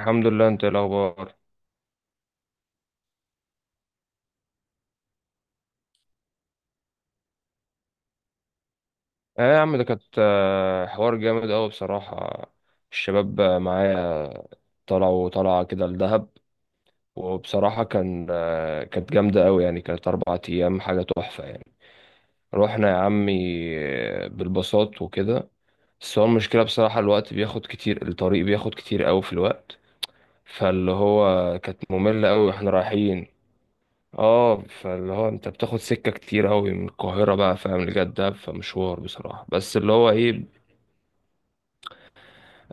الحمد لله، انت ايه الاخبار؟ اه يا عم، ده كانت حوار جامد قوي بصراحه. الشباب معايا. طلعوا طلعه كده لدهب. وبصراحه كانت جامده قوي، يعني كانت 4 ايام حاجه تحفه يعني. رحنا يا عمي، بالباصات وكده. بس هو المشكله بصراحه، الوقت بياخد كتير، الطريق بياخد كتير قوي في الوقت. فاللي هو كانت ممله قوي واحنا رايحين. اه، فاللي هو انت بتاخد سكة كتير قوي من القاهرة بقى، فاهم، لجدة، فمشوار بصراحة، بس اللي هو ايه.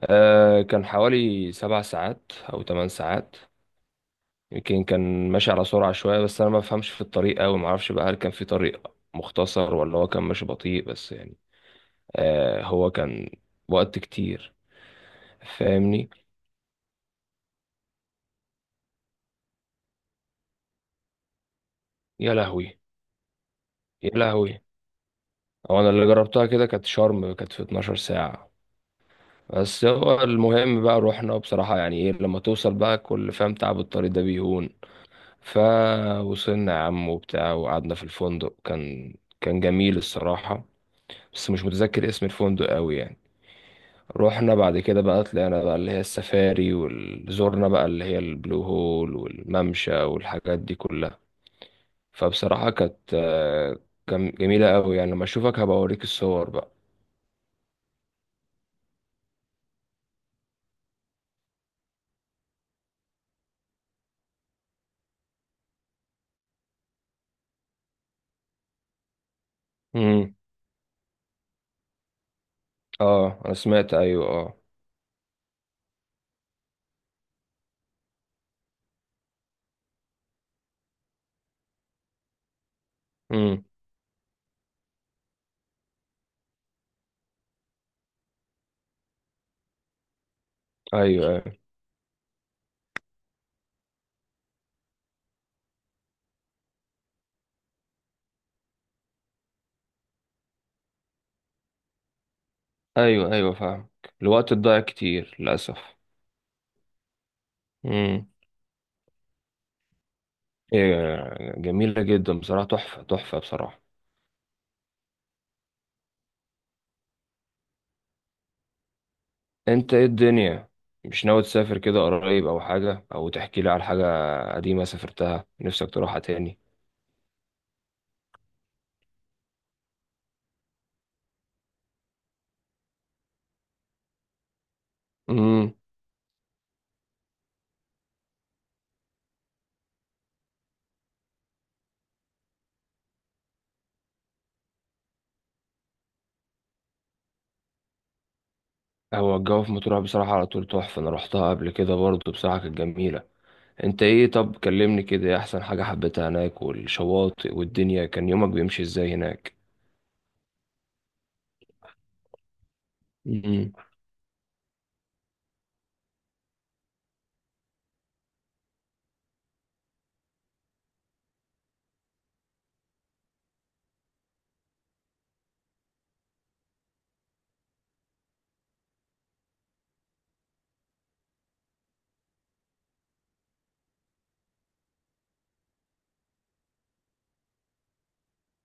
آه، كان حوالي 7 ساعات او 8 ساعات. يمكن كان ماشي على سرعة شوية، بس انا ما بفهمش في الطريق قوي، ما اعرفش بقى هل كان في طريق مختصر ولا هو كان ماشي بطيء، بس يعني هو كان وقت كتير. فاهمني. يا لهوي، يا لهوي. هو انا اللي جربتها كده كانت شرم، كانت في 12 ساعة. بس هو المهم بقى روحنا بصراحة، يعني ايه لما توصل بقى، كل فاهم تعب الطريق ده بيهون. فوصلنا يا عم وبتاع، وقعدنا في الفندق، كان جميل الصراحة. بس مش متذكر اسم الفندق قوي يعني. روحنا بعد كده بقى، طلعنا بقى اللي هي السفاري، وزورنا بقى اللي هي البلو هول والممشى والحاجات دي كلها. فبصراحة كان جميلة قوي، يعني لما اشوفك هبقى اوريك الصور بقى. امم. اه، انا سمعت، ايوه، اه. امم. ايوه، ايوه، ايوه، فاهم. الوقت الضايع كتير للاسف. امم. إيه جميله جدا بصراحه، تحفه تحفه بصراحه. انت ايه الدنيا؟ مش ناوي تسافر كده قريب او حاجه، او تحكي لي على حاجه قديمه سافرتها نفسك تروحها تاني؟ امم. هو الجو في مطروح بصراحه على طول تحفه، انا رحتها قبل كده برضه بصراحه كانت جميله. انت ايه؟ طب كلمني كده، إيه احسن حاجه حبيتها هناك، والشواطئ، والدنيا كان يومك بيمشي ازاي هناك؟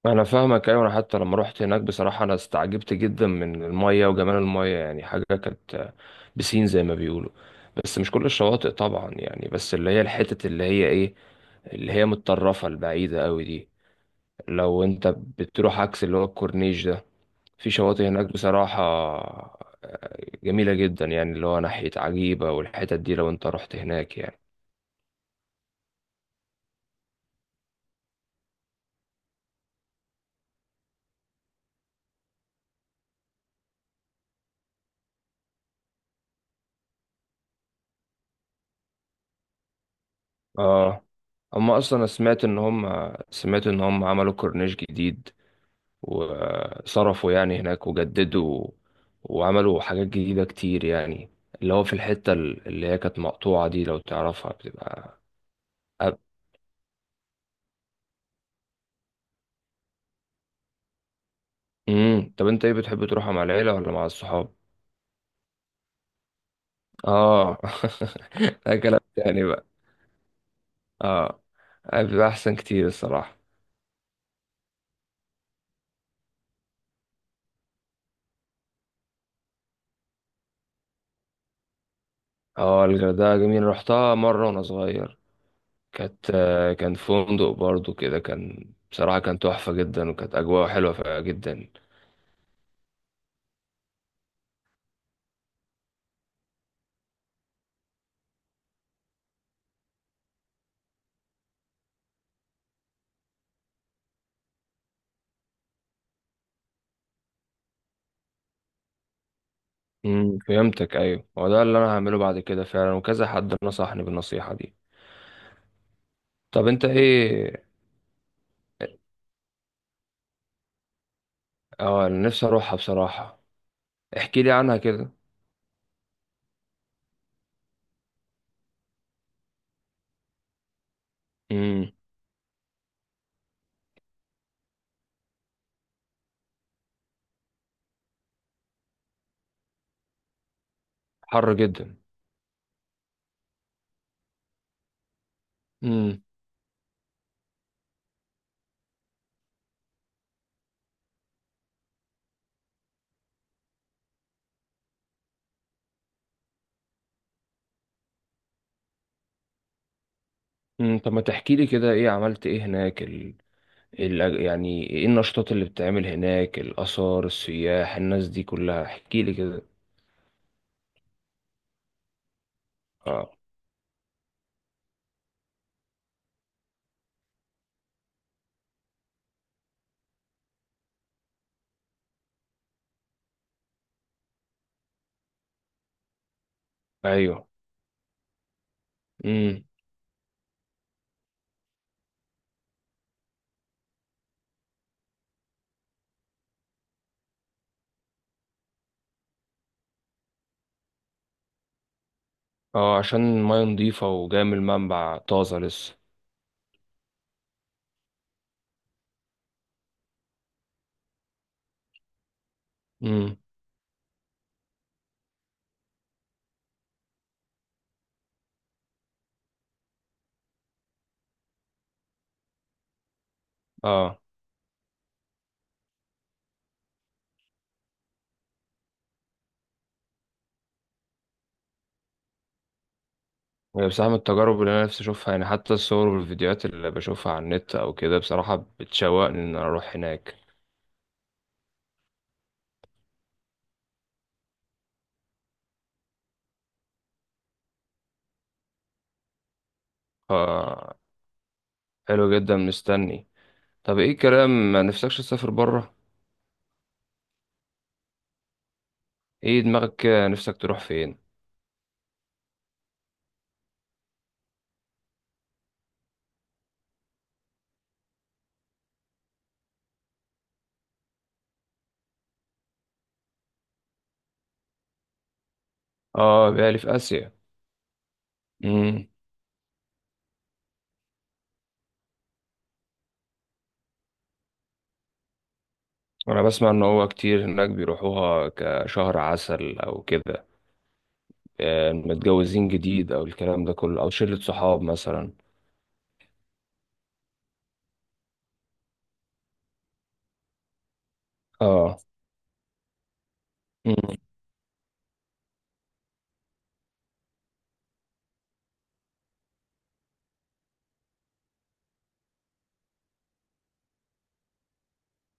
انا فاهمك، ايوه، انا حتى لما رحت هناك بصراحه انا استعجبت جدا من الميه وجمال الميه، يعني حاجه كانت بسين زي ما بيقولوا. بس مش كل الشواطئ طبعا يعني، بس اللي هي الحتت، اللي هي ايه، اللي هي متطرفه البعيده قوي دي، لو انت بتروح عكس اللي هو الكورنيش ده، في شواطئ هناك بصراحه جميله جدا، يعني اللي هو ناحيه عجيبه، والحتت دي لو انت رحت هناك يعني. اه. اما اصلا، أنا سمعت ان هم عملوا كورنيش جديد، وصرفوا يعني هناك، وجددوا، وعملوا حاجات جديدة كتير يعني. اللي هو في الحتة اللي هي كانت مقطوعة دي، لو تعرفها بتبقى أب... مم. طب انت ايه، بتحب تروحها مع العيلة ولا مع الصحاب؟ اه. ده كلام تاني بقى. اه. بيبقى احسن كتير الصراحة. اه، الغردقة جميل، رحتها مرة وانا صغير. كان فندق برضو كده، كان بصراحة كان تحفة جدا، وكانت أجواء حلوة جدا. فهمتك، ايوه، هو ده اللي انا هعمله بعد كده فعلا، وكذا حد نصحني بالنصيحة دي. طب انت ايه؟ اه، أنا نفسي اروحها بصراحة. احكي لي عنها كده. امم. حر جدا. امم. طب ما تحكي لي كده، ايه عملت ايه هناك، يعني ايه النشاطات اللي بتتعمل هناك، الاثار، السياح، الناس دي كلها، احكي لي كده. اه، ايوه، امم، اه، عشان المية نضيفة وجاية من المنبع طازة لسه. امم. اه. هي بصراحة من التجارب اللي أنا نفسي أشوفها، يعني حتى الصور والفيديوهات اللي بشوفها على النت أو كده بصراحة بتشوقني إن أنا أروح هناك. ف حلو جدا، مستني. طب إيه الكلام، ما نفسكش تسافر بره؟ إيه دماغك كده، نفسك تروح فين؟ آه، بالي في آسيا. مم. أنا بسمع إن هو كتير هناك بيروحوها كشهر عسل أو كده. متجوزين جديد أو الكلام ده كله، أو شلة صحاب مثلا. آه. مم.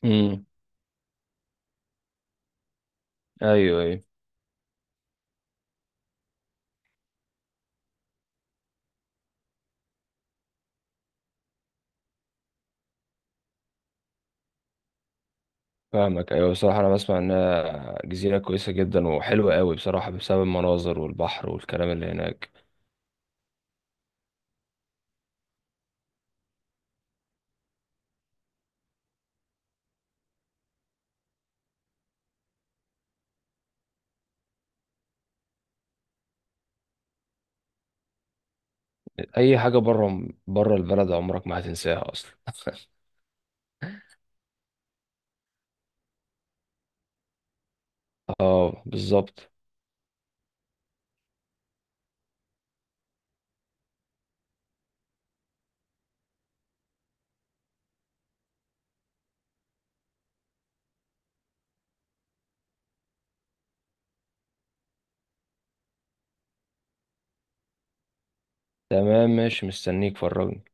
مم. أيوه، أيوه. فاهمك، ايوه، بصراحه انا بسمع انها جزيره كويسه جدا وحلوه قوي بصراحه، بسبب المناظر والبحر والكلام اللي هناك. اي حاجه بره، بره البلد عمرك ما هتنساها اصلا. اه، بالظبط. تمام، ماشي، مستنيك، فرجني.